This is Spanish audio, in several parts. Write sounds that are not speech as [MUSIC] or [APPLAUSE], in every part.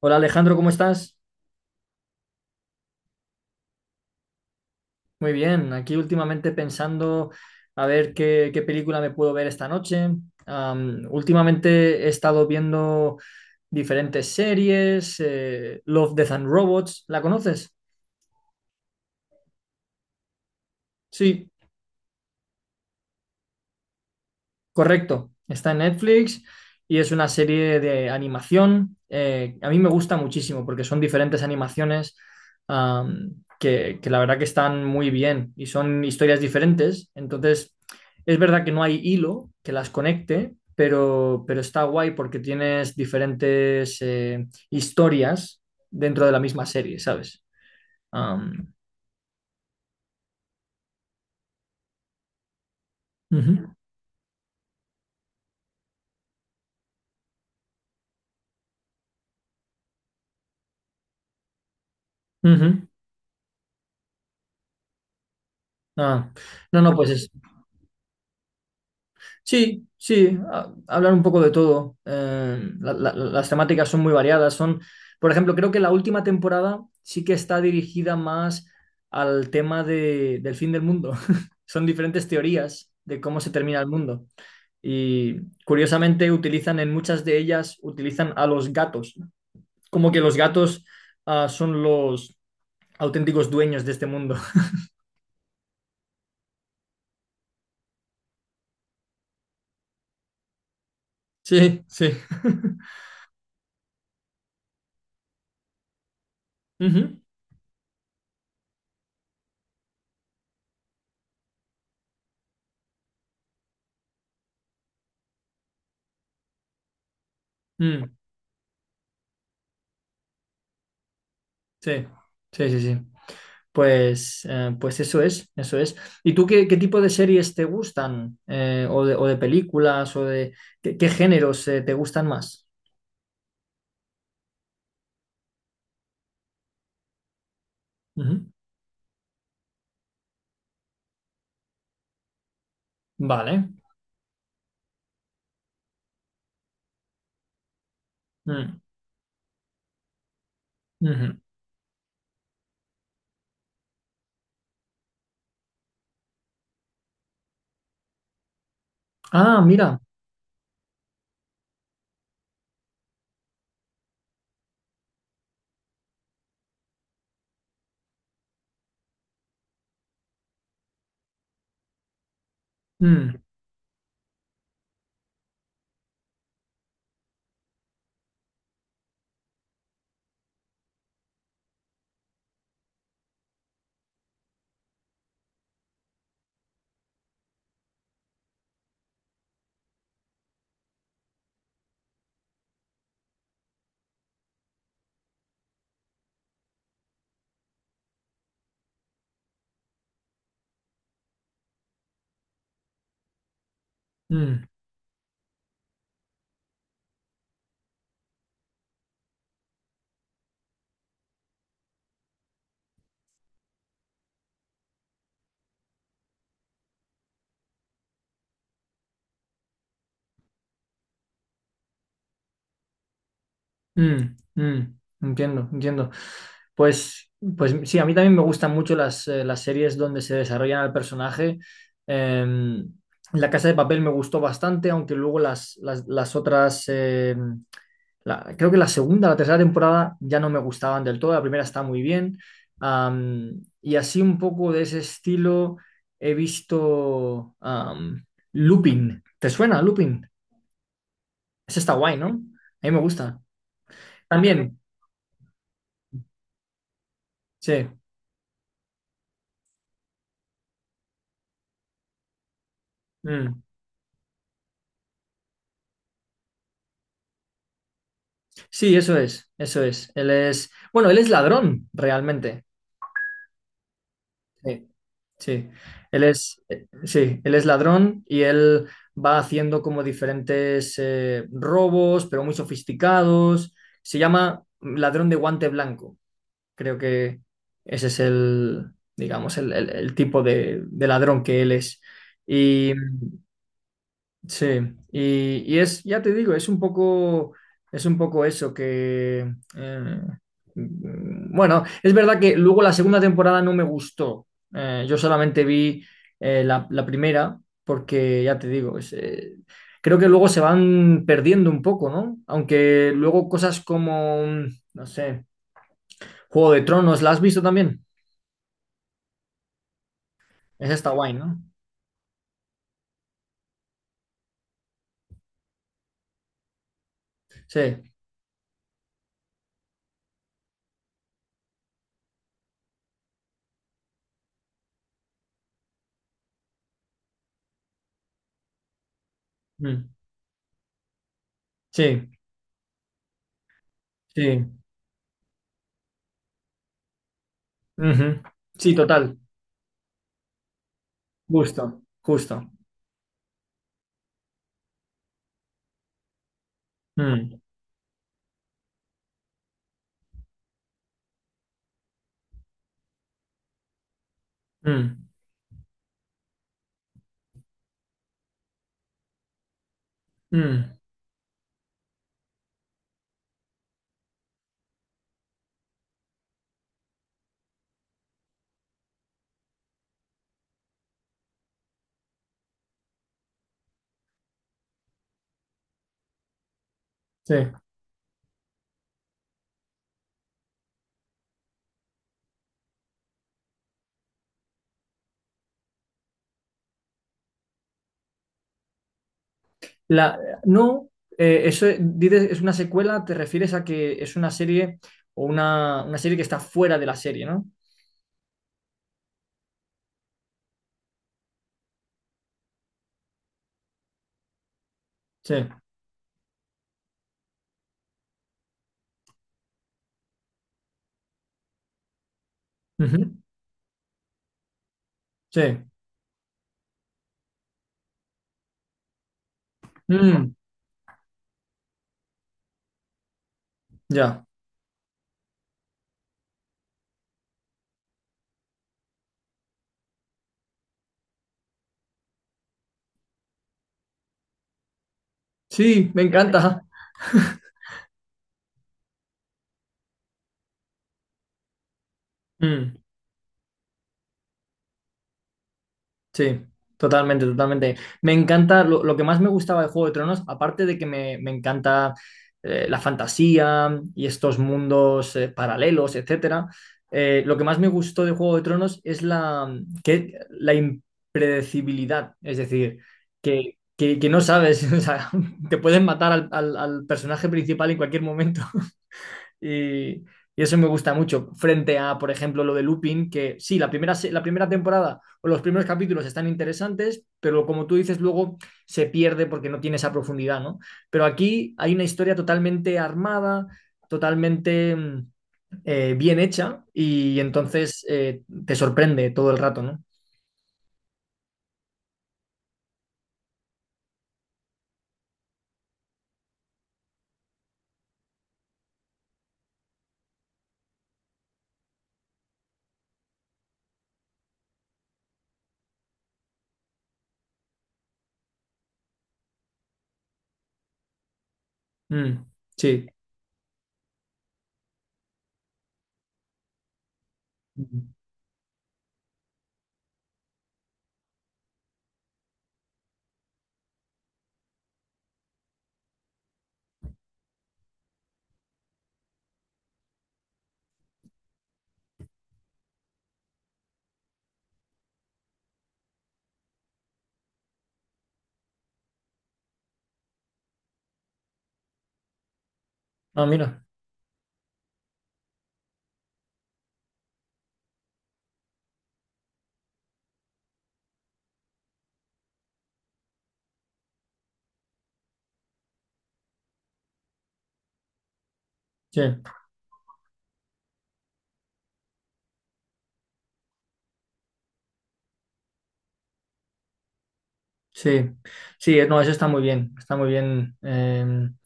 Hola Alejandro, ¿cómo estás? Muy bien, aquí últimamente pensando a ver qué película me puedo ver esta noche. Últimamente he estado viendo diferentes series, Love, Death and Robots, ¿la conoces? Sí. Correcto, está en Netflix y es una serie de animación. A mí me gusta muchísimo porque son diferentes animaciones que la verdad que están muy bien y son historias diferentes. Entonces, es verdad que no hay hilo que las conecte, pero está guay porque tienes diferentes historias dentro de la misma serie, ¿sabes? Am, ujú, ujú. Ah, no, no, pues es. Sí, sí, hablar un poco de todo. Las temáticas son muy variadas. Son, por ejemplo, creo que la última temporada sí que está dirigida más al del fin del mundo. [LAUGHS] Son diferentes teorías de cómo se termina el mundo. Y curiosamente utilizan en muchas de ellas, utilizan a los gatos, como que los gatos, ah, son los auténticos dueños de este mundo. [LAUGHS] Sí, sí. [LAUGHS] Ujú. Mm, sí, sí, sí, sí. Pues, pues eso es, eso es. ¿Y tú qué tipo de series te gustan? O de películas, o de qué géneros te gustan más? Ujú. Vale. Mm, ujú. Ah, mira. Mm, mm, mm. Entiendo, entiendo. Pues, pues sí, a mí también me gustan mucho las series donde se desarrollan al personaje. Em, La Casa de Papel me gustó bastante, aunque luego las otras, creo que la segunda la tercera temporada ya no me gustaban del todo, la primera está muy bien. Y así un poco de ese estilo he visto, Lupin. ¿Te suena Lupin? Ese está guay, ¿no? A mí me gusta. También, sí. Mm. Sí, eso es, eso es. Él es, bueno, él es ladrón realmente. Sí. Sí, sí, él es ladrón y él va haciendo como diferentes robos, pero muy sofisticados. Se llama Ladrón de Guante Blanco. Creo que ese es el, digamos, el tipo de ladrón que él es. Y sí, y es, ya te digo, es un poco eso que, eh, bueno, es verdad que luego la segunda temporada no me gustó. Yo solamente vi la primera porque, ya te digo, es, creo que luego se van perdiendo un poco, ¿no? Aunque luego cosas como, no sé, Juego de Tronos, ¿la has visto también? Esa está guay, ¿no? Sí, mm, sí, sí, ujú. Sí, total, justo, justo. Mm, mm, mm, sí. La, no, dices es una secuela, te refieres a que es una serie o una serie que está fuera de la serie, ¿no? Sí. Ujú, sí. Mm, ya. Sí, me encanta. [LAUGHS] Mm. Sí, totalmente, totalmente. Me encanta, lo que más me gustaba de Juego de Tronos, aparte de que me encanta la fantasía y estos mundos paralelos, etcétera, lo que más me gustó de Juego de Tronos es la, que, la impredecibilidad, es decir, que no sabes, [LAUGHS] o sea, te pueden matar al personaje principal en cualquier momento y, y eso me gusta mucho. Frente a, por ejemplo, lo de Lupin, que sí, la primera temporada o los primeros capítulos están interesantes, pero como tú dices, luego se pierde porque no tiene esa profundidad, ¿no? Pero aquí hay una historia totalmente armada, totalmente bien hecha y entonces te sorprende todo el rato, ¿no? Mm, sí. Ah, mira. Sí, sí. Sí, no, eso está muy bien. Está muy bien.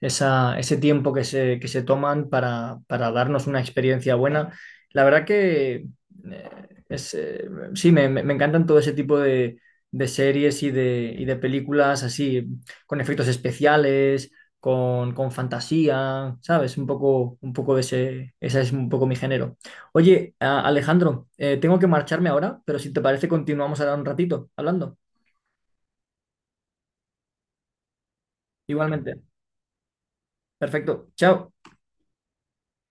Esa, ese tiempo que se toman para darnos una experiencia buena. La verdad que es, sí, me, me encantan todo ese tipo de series y de películas así, con efectos especiales, con fantasía, ¿sabes? Un poco de ese, ese es un poco mi género. Oye, Alejandro, tengo que marcharme ahora, pero si te parece continuamos ahora un ratito hablando. Igualmente. Perfecto. Chao.